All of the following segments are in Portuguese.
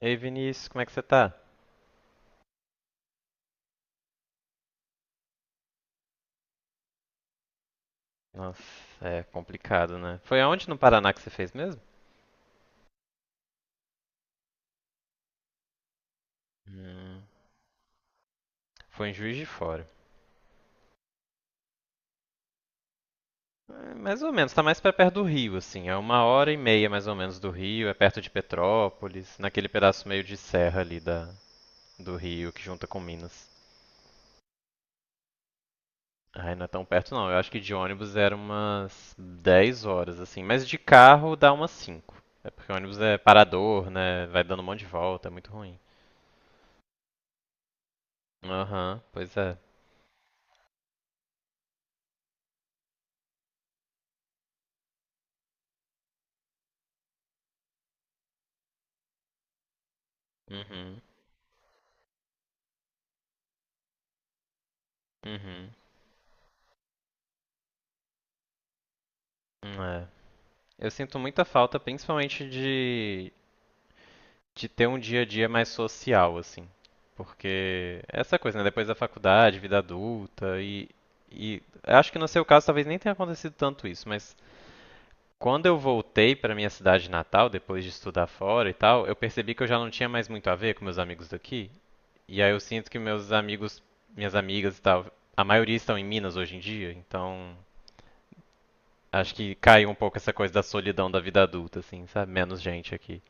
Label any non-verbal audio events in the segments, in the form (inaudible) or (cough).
Ei, Vinícius, como é que você tá? Nossa, é complicado, né? Foi aonde no Paraná que você fez mesmo? Hum, foi em Juiz de Fora. É, mais ou menos, tá mais pra perto do Rio, assim. É 1 hora e meia mais ou menos do Rio, é perto de Petrópolis, naquele pedaço meio de serra ali do Rio que junta com Minas. Ai, não é tão perto não. Eu acho que de ônibus era umas 10 horas, assim. Mas de carro dá umas 5. É porque ônibus é parador, né? Vai dando um monte de volta, é muito ruim. Aham, pois é. Uhum, uhum. É, eu sinto muita falta, principalmente de ter um dia a dia mais social, assim. Porque é essa coisa, né? Depois da faculdade, vida adulta, e acho que no seu caso talvez nem tenha acontecido tanto isso, mas quando eu voltei para minha cidade natal, depois de estudar fora e tal, eu percebi que eu já não tinha mais muito a ver com meus amigos daqui. E aí eu sinto que meus amigos, minhas amigas e tal, a maioria estão em Minas hoje em dia, então acho que caiu um pouco essa coisa da solidão da vida adulta, assim, sabe? Menos gente aqui.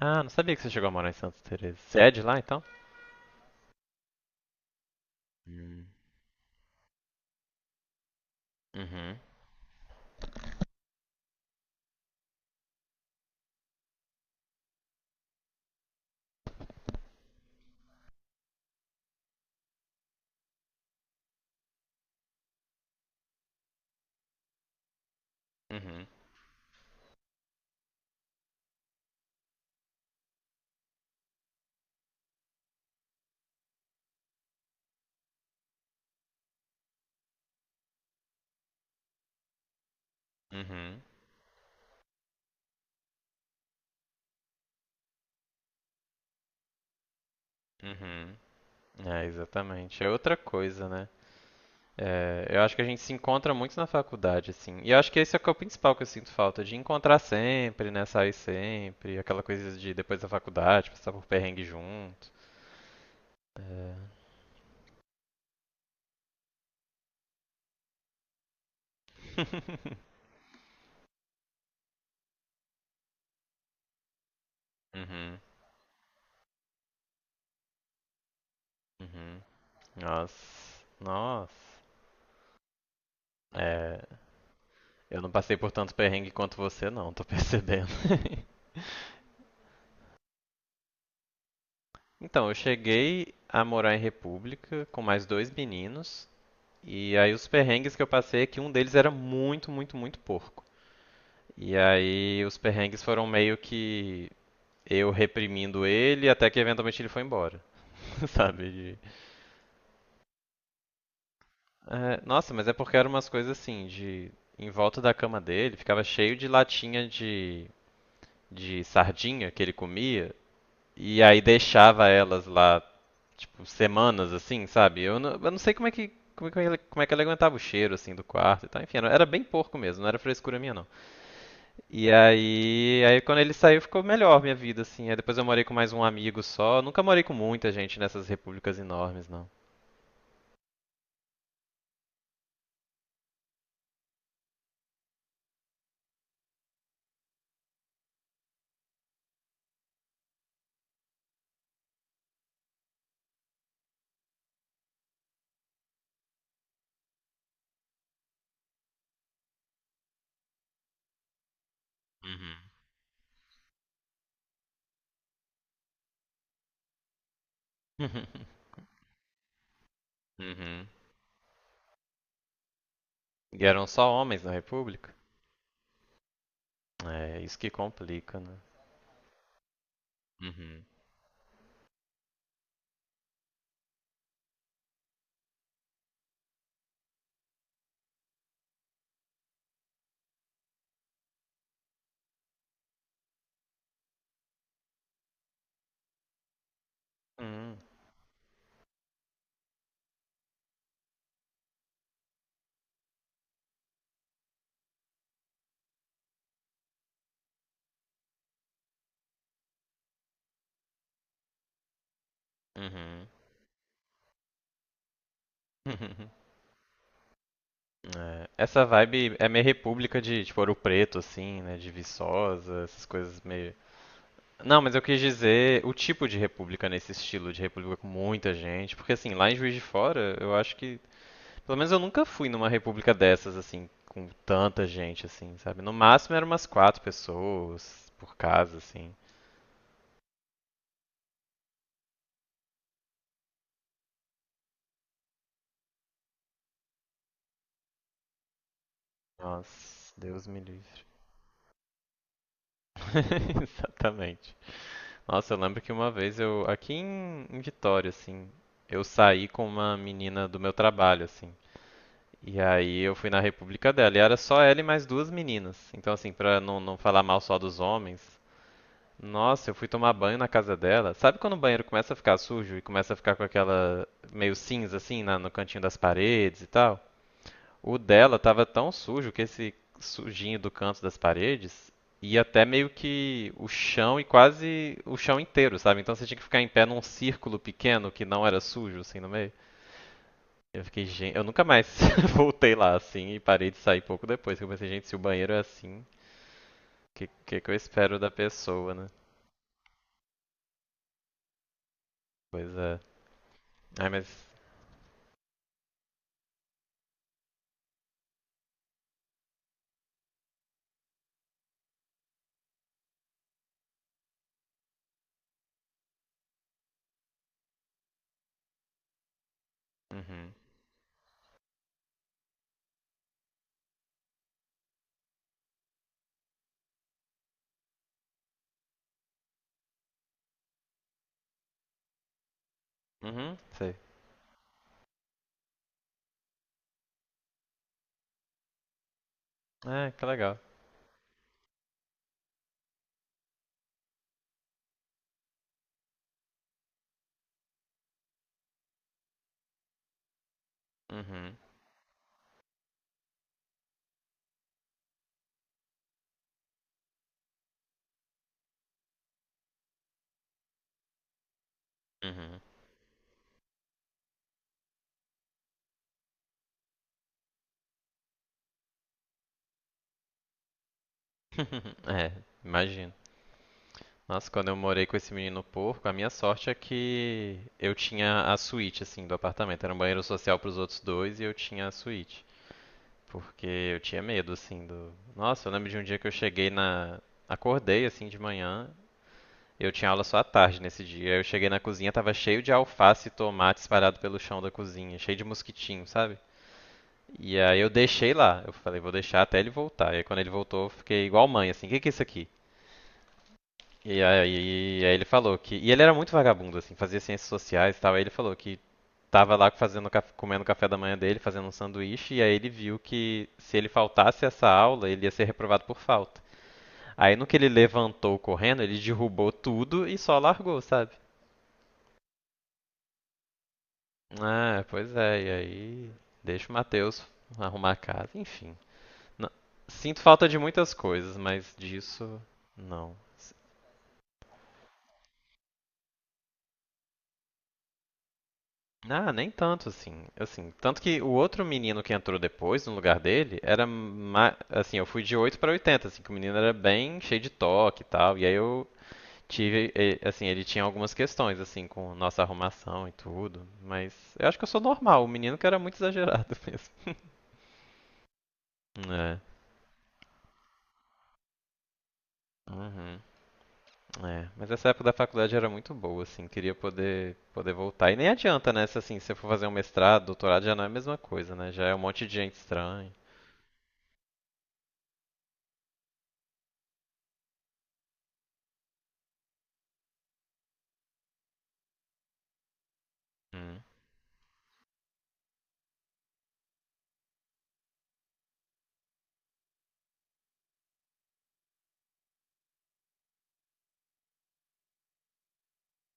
Ah, não sabia que você chegou a morar em Santa Teresa. Você é de lá, então? Hum. Uhum, uhum, uhum, uhum. É, exatamente. É outra coisa, né? É, eu acho que a gente se encontra muito na faculdade, assim. E eu acho que esse é o que é o principal que eu sinto falta, de encontrar sempre, né? Sair sempre, aquela coisa de depois da faculdade, passar por perrengue junto. É. (laughs) Uhum, uhum. Nossa, nossa. É, eu não passei por tanto perrengue quanto você, não, tô percebendo. (laughs) Então, eu cheguei a morar em república com mais dois meninos, e aí os perrengues que eu passei é que um deles era muito, muito, muito porco. E aí os perrengues foram meio que eu reprimindo ele até que eventualmente ele foi embora, (laughs) sabe? É, nossa, mas é porque eram umas coisas assim, de em volta da cama dele ficava cheio de latinha de sardinha que ele comia, e aí deixava elas lá tipo, semanas, assim, sabe? Eu não sei como é que. Como é que ele aguentava o cheiro, assim, do quarto e tal. Enfim, era bem porco mesmo, não era frescura minha, não. E aí, quando ele saiu, ficou melhor minha vida, assim. Aí depois eu morei com mais um amigo só. Nunca morei com muita gente nessas repúblicas enormes, não. Uhum. (laughs) Uhum. E eram só homens na república? É, isso que complica, né? Uhum. Hum. Uhum. (laughs) É, essa vibe é meio república de, tipo, Ouro Preto, assim, né? De Viçosa, essas coisas meio. Não, mas eu quis dizer o tipo de república nesse estilo de república com muita gente, porque assim, lá em Juiz de Fora, eu acho que, pelo menos eu nunca fui numa república dessas assim, com tanta gente assim, sabe? No máximo eram umas quatro pessoas por casa assim. Nossa, Deus me livre. (laughs) Exatamente. Nossa, eu lembro que uma vez eu aqui em Vitória assim, eu saí com uma menina do meu trabalho assim. E aí eu fui na república dela e era só ela e mais duas meninas. Então assim, pra não falar mal só dos homens, nossa, eu fui tomar banho na casa dela. Sabe quando o banheiro começa a ficar sujo e começa a ficar com aquela meio cinza assim no cantinho das paredes e tal? O dela tava tão sujo que esse sujinho do canto das paredes ia até meio que o chão e quase o chão inteiro, sabe? Então você tinha que ficar em pé num círculo pequeno que não era sujo assim no meio. Eu fiquei, gente, eu nunca mais (laughs) voltei lá assim e parei de sair pouco depois. Que Eu pensei, gente, se o banheiro é assim, que eu espero da pessoa, né? Pois é. Ai, mas. Uhum. Uhum, sei. É, que legal. Uhum. Uhum. (laughs) É, imagino. Nossa, quando eu morei com esse menino porco, a minha sorte é que eu tinha a suíte, assim, do apartamento. Era um banheiro social pros outros dois e eu tinha a suíte. Porque eu tinha medo, assim, do. Nossa, eu lembro de um dia que eu cheguei na. Acordei, assim, de manhã. Eu tinha aula só à tarde nesse dia. Eu cheguei na cozinha, tava cheio de alface e tomate espalhado pelo chão da cozinha, cheio de mosquitinho, sabe? E aí eu deixei lá. Eu falei, vou deixar até ele voltar. E aí quando ele voltou, eu fiquei igual mãe, assim, o que que é isso aqui? E aí, ele falou que. E ele era muito vagabundo, assim, fazia ciências sociais e tal. Aí ele falou que tava lá fazendo, comendo o café da manhã dele, fazendo um sanduíche, e aí ele viu que se ele faltasse essa aula, ele ia ser reprovado por falta. Aí no que ele levantou correndo, ele derrubou tudo e só largou, sabe? É, pois é, e aí deixa o Matheus arrumar a casa, enfim. Não- Sinto falta de muitas coisas, mas disso não. Ah, nem tanto assim. Assim, tanto que o outro menino que entrou depois no lugar dele era assim, eu fui de 8 para 80, assim, que o menino era bem cheio de toque e tal, e aí eu tive, assim, ele tinha algumas questões assim com nossa arrumação e tudo, mas eu acho que eu sou normal, o menino que era muito exagerado (laughs) mesmo. É. Uhum. É, mas essa época da faculdade era muito boa, assim, queria poder voltar. E nem adianta, né? Se assim, se você for fazer um mestrado, doutorado, já não é a mesma coisa, né? Já é um monte de gente estranha. Hum,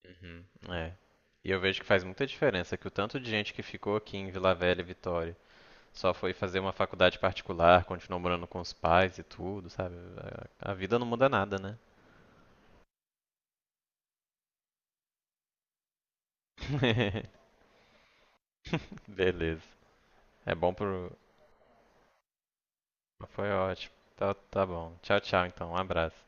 uhum, é. E eu vejo que faz muita diferença que o tanto de gente que ficou aqui em Vila Velha e Vitória só foi fazer uma faculdade particular, continuou morando com os pais e tudo, sabe? A vida não muda nada, né? (laughs) Beleza. É bom pro. Foi ótimo. Tá, tá bom. Tchau, tchau, então. Um abraço.